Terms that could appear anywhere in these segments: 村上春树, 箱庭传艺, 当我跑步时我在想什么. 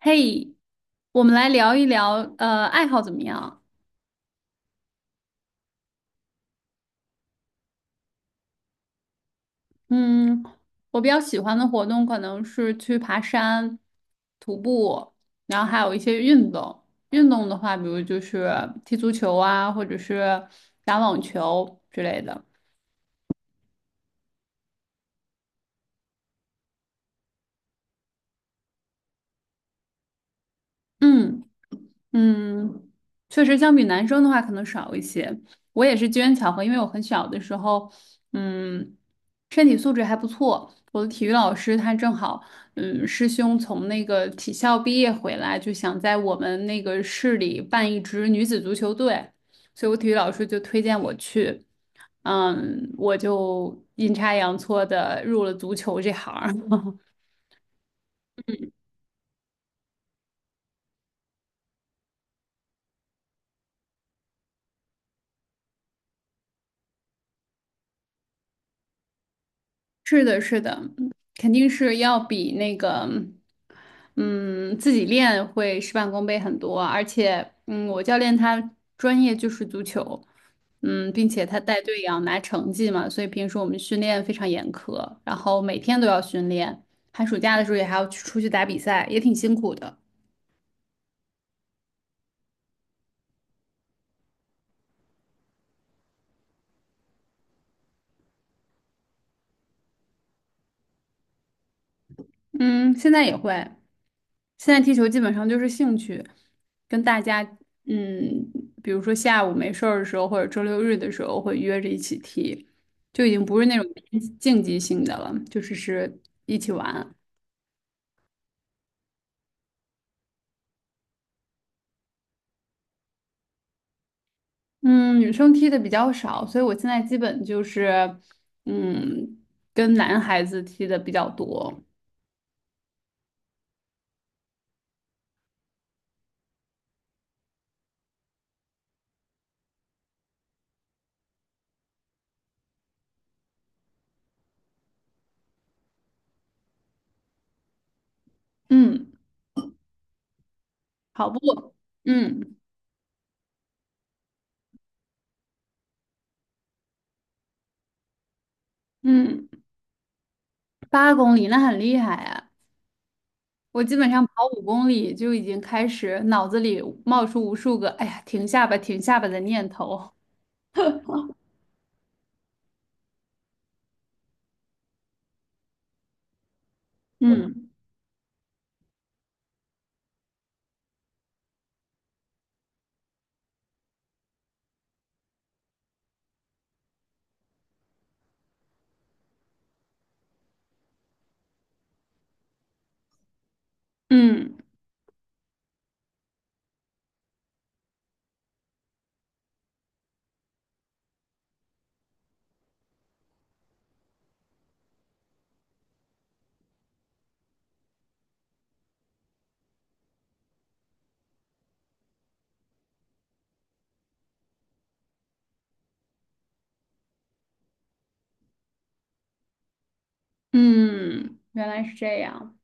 嘿，我们来聊一聊，爱好怎么样？嗯，我比较喜欢的活动可能是去爬山、徒步，然后还有一些运动。运动的话，比如就是踢足球啊，或者是打网球之类的。嗯。嗯，确实，相比男生的话，可能少一些。我也是机缘巧合，因为我很小的时候，嗯，身体素质还不错。我的体育老师他正好，师兄从那个体校毕业回来，就想在我们那个市里办一支女子足球队，所以我体育老师就推荐我去，我就阴差阳错的入了足球这行儿。是的，是的，肯定是要比那个，嗯，自己练会事半功倍很多啊。而且，我教练他专业就是足球，并且他带队也要拿成绩嘛，所以平时我们训练非常严苛，然后每天都要训练，寒暑假的时候也还要去出去打比赛，也挺辛苦的。嗯，现在也会。现在踢球基本上就是兴趣，跟大家，嗯，比如说下午没事儿的时候，或者周六日的时候会约着一起踢，就已经不是那种偏竞技性的了，就是是一起玩。嗯，女生踢的比较少，所以我现在基本就是，嗯，跟男孩子踢的比较多。嗯，跑步。嗯嗯，8公里那很厉害啊。我基本上跑五公里就已经开始脑子里冒出无数个"哎呀，停下吧，停下吧"的念头。嗯嗯嗯，原来是这样。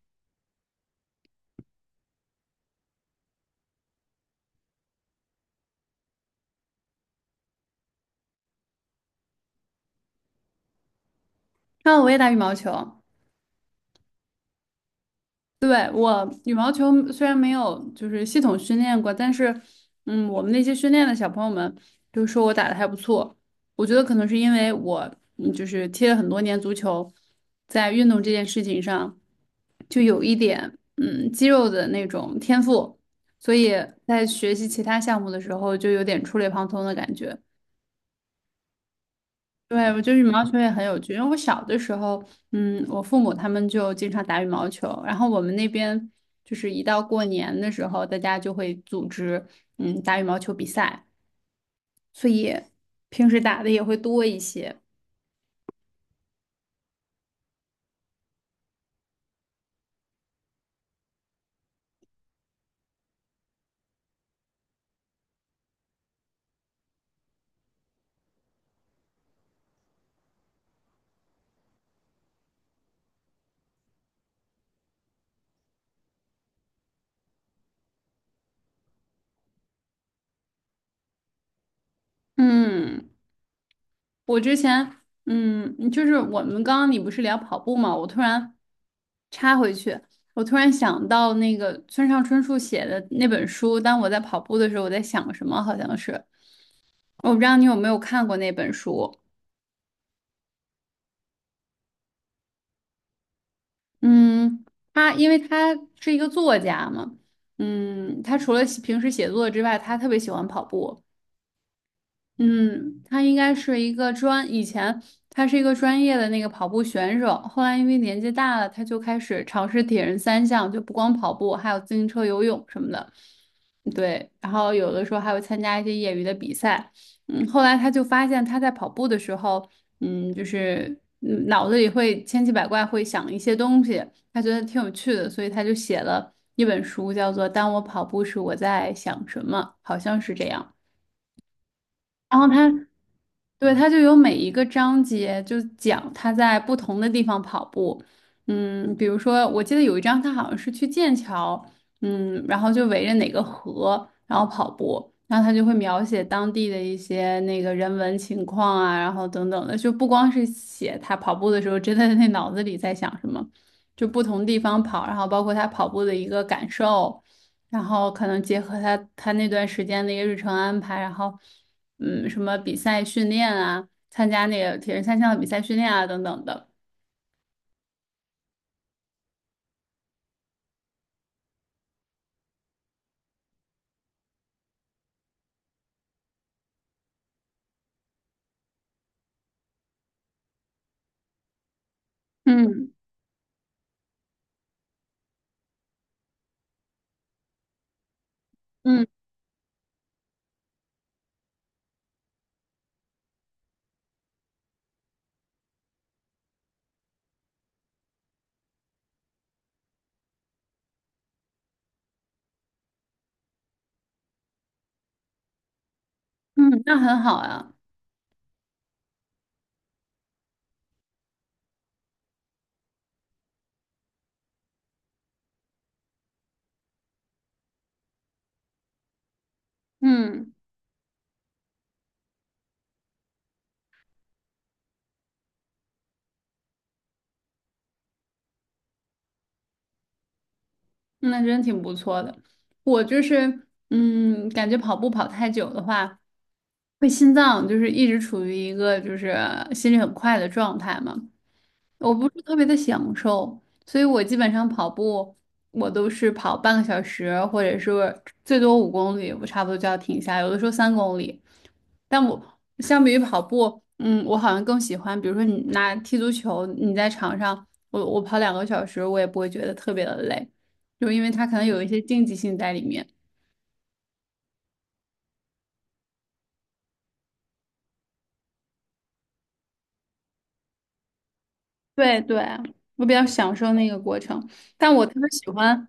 那我也打羽毛球。对，我羽毛球虽然没有就是系统训练过，但是，我们那些训练的小朋友们都说我打的还不错。我觉得可能是因为我，就是踢了很多年足球，在运动这件事情上就有一点，肌肉的那种天赋，所以在学习其他项目的时候就有点触类旁通的感觉。对，我觉得羽毛球也很有趣，因为我小的时候，我父母他们就经常打羽毛球，然后我们那边就是一到过年的时候，大家就会组织打羽毛球比赛，所以平时打的也会多一些。嗯，我之前就是我们刚刚你不是聊跑步嘛，我突然插回去，我突然想到那个村上春树写的那本书，当我在跑步的时候，我在想什么，好像是。我不知道你有没有看过那本书。嗯，他因为他是一个作家嘛，他除了写平时写作之外，他特别喜欢跑步。嗯，他应该是一个专，以前他是一个专业的那个跑步选手，后来因为年纪大了，他就开始尝试铁人三项，就不光跑步，还有自行车、游泳什么的。对，然后有的时候还会参加一些业余的比赛。后来他就发现他在跑步的时候，就是脑子里会千奇百怪，会想一些东西，他觉得挺有趣的，所以他就写了一本书，叫做《当我跑步时我在想什么》，好像是这样。然后他对，他就有每一个章节就讲他在不同的地方跑步，比如说我记得有一章他好像是去剑桥，然后就围着哪个河然后跑步，然后他就会描写当地的一些那个人文情况啊，然后等等的，就不光是写他跑步的时候真的那脑子里在想什么，就不同地方跑，然后包括他跑步的一个感受，然后可能结合他那段时间的一个日程安排，然后。什么比赛训练啊，参加那个铁人三项的比赛训练啊等等的。嗯嗯嗯，那很好啊。嗯那真挺不错的。我就是，感觉跑步跑太久的话，会心脏就是一直处于一个就是心率很快的状态嘛。我不是特别的享受，所以我基本上跑步，我都是跑半个小时，或者是最多五公里，我差不多就要停下，有的时候3公里。但我相比于跑步，我好像更喜欢，比如说你拿踢足球，你在场上，我跑2个小时，我也不会觉得特别的累，就因为它可能有一些竞技性在里面。对对，我比较享受那个过程，但我特别喜欢。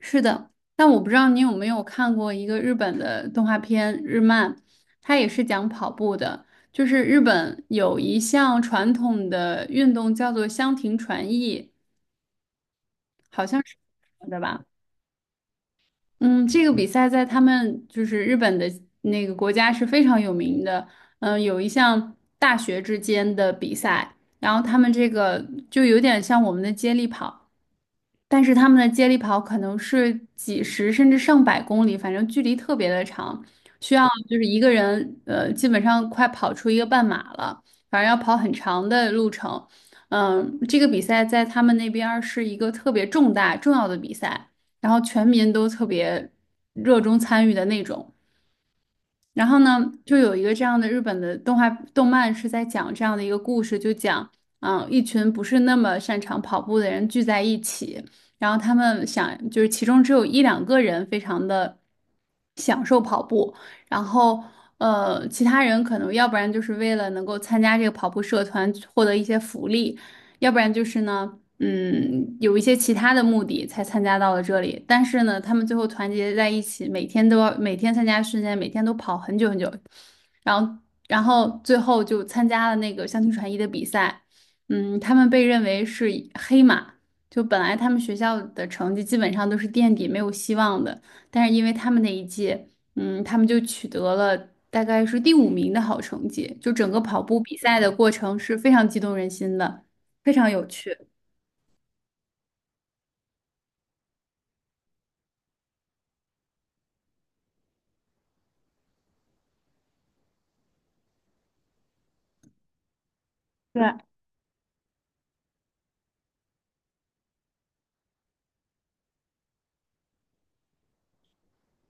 是的。但我不知道你有没有看过一个日本的动画片日漫，它也是讲跑步的。就是日本有一项传统的运动叫做箱庭传艺，好像是的吧？嗯，这个比赛在他们就是日本的那个国家是非常有名的。有一项大学之间的比赛，然后他们这个就有点像我们的接力跑。但是他们的接力跑可能是几十甚至上百公里，反正距离特别的长，需要就是一个人，基本上快跑出一个半马了，反正要跑很长的路程。这个比赛在他们那边儿是一个特别重大重要的比赛，然后全民都特别热衷参与的那种。然后呢，就有一个这样的日本的动画动漫是在讲这样的一个故事，就讲，一群不是那么擅长跑步的人聚在一起，然后他们想，就是其中只有一两个人非常的享受跑步，然后。其他人可能要不然就是为了能够参加这个跑步社团获得一些福利，要不然就是呢，有一些其他的目的才参加到了这里，但是呢，他们最后团结在一起，每天都要每天参加训练，每天都跑很久很久，然后最后就参加了那个相亲传艺的比赛。他们被认为是黑马，就本来他们学校的成绩基本上都是垫底，没有希望的，但是因为他们那一届，他们就取得了大概是第五名的好成绩，就整个跑步比赛的过程是非常激动人心的，非常有趣。对。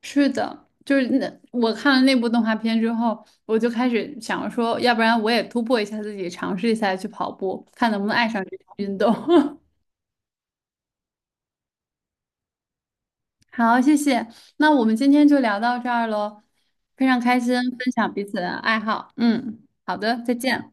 是的，就是那我看了那部动画片之后，我就开始想说，要不然我也突破一下自己，尝试一下去跑步，看能不能爱上这项运动。好，谢谢。那我们今天就聊到这儿喽，非常开心分享彼此的爱好。嗯，好的，再见。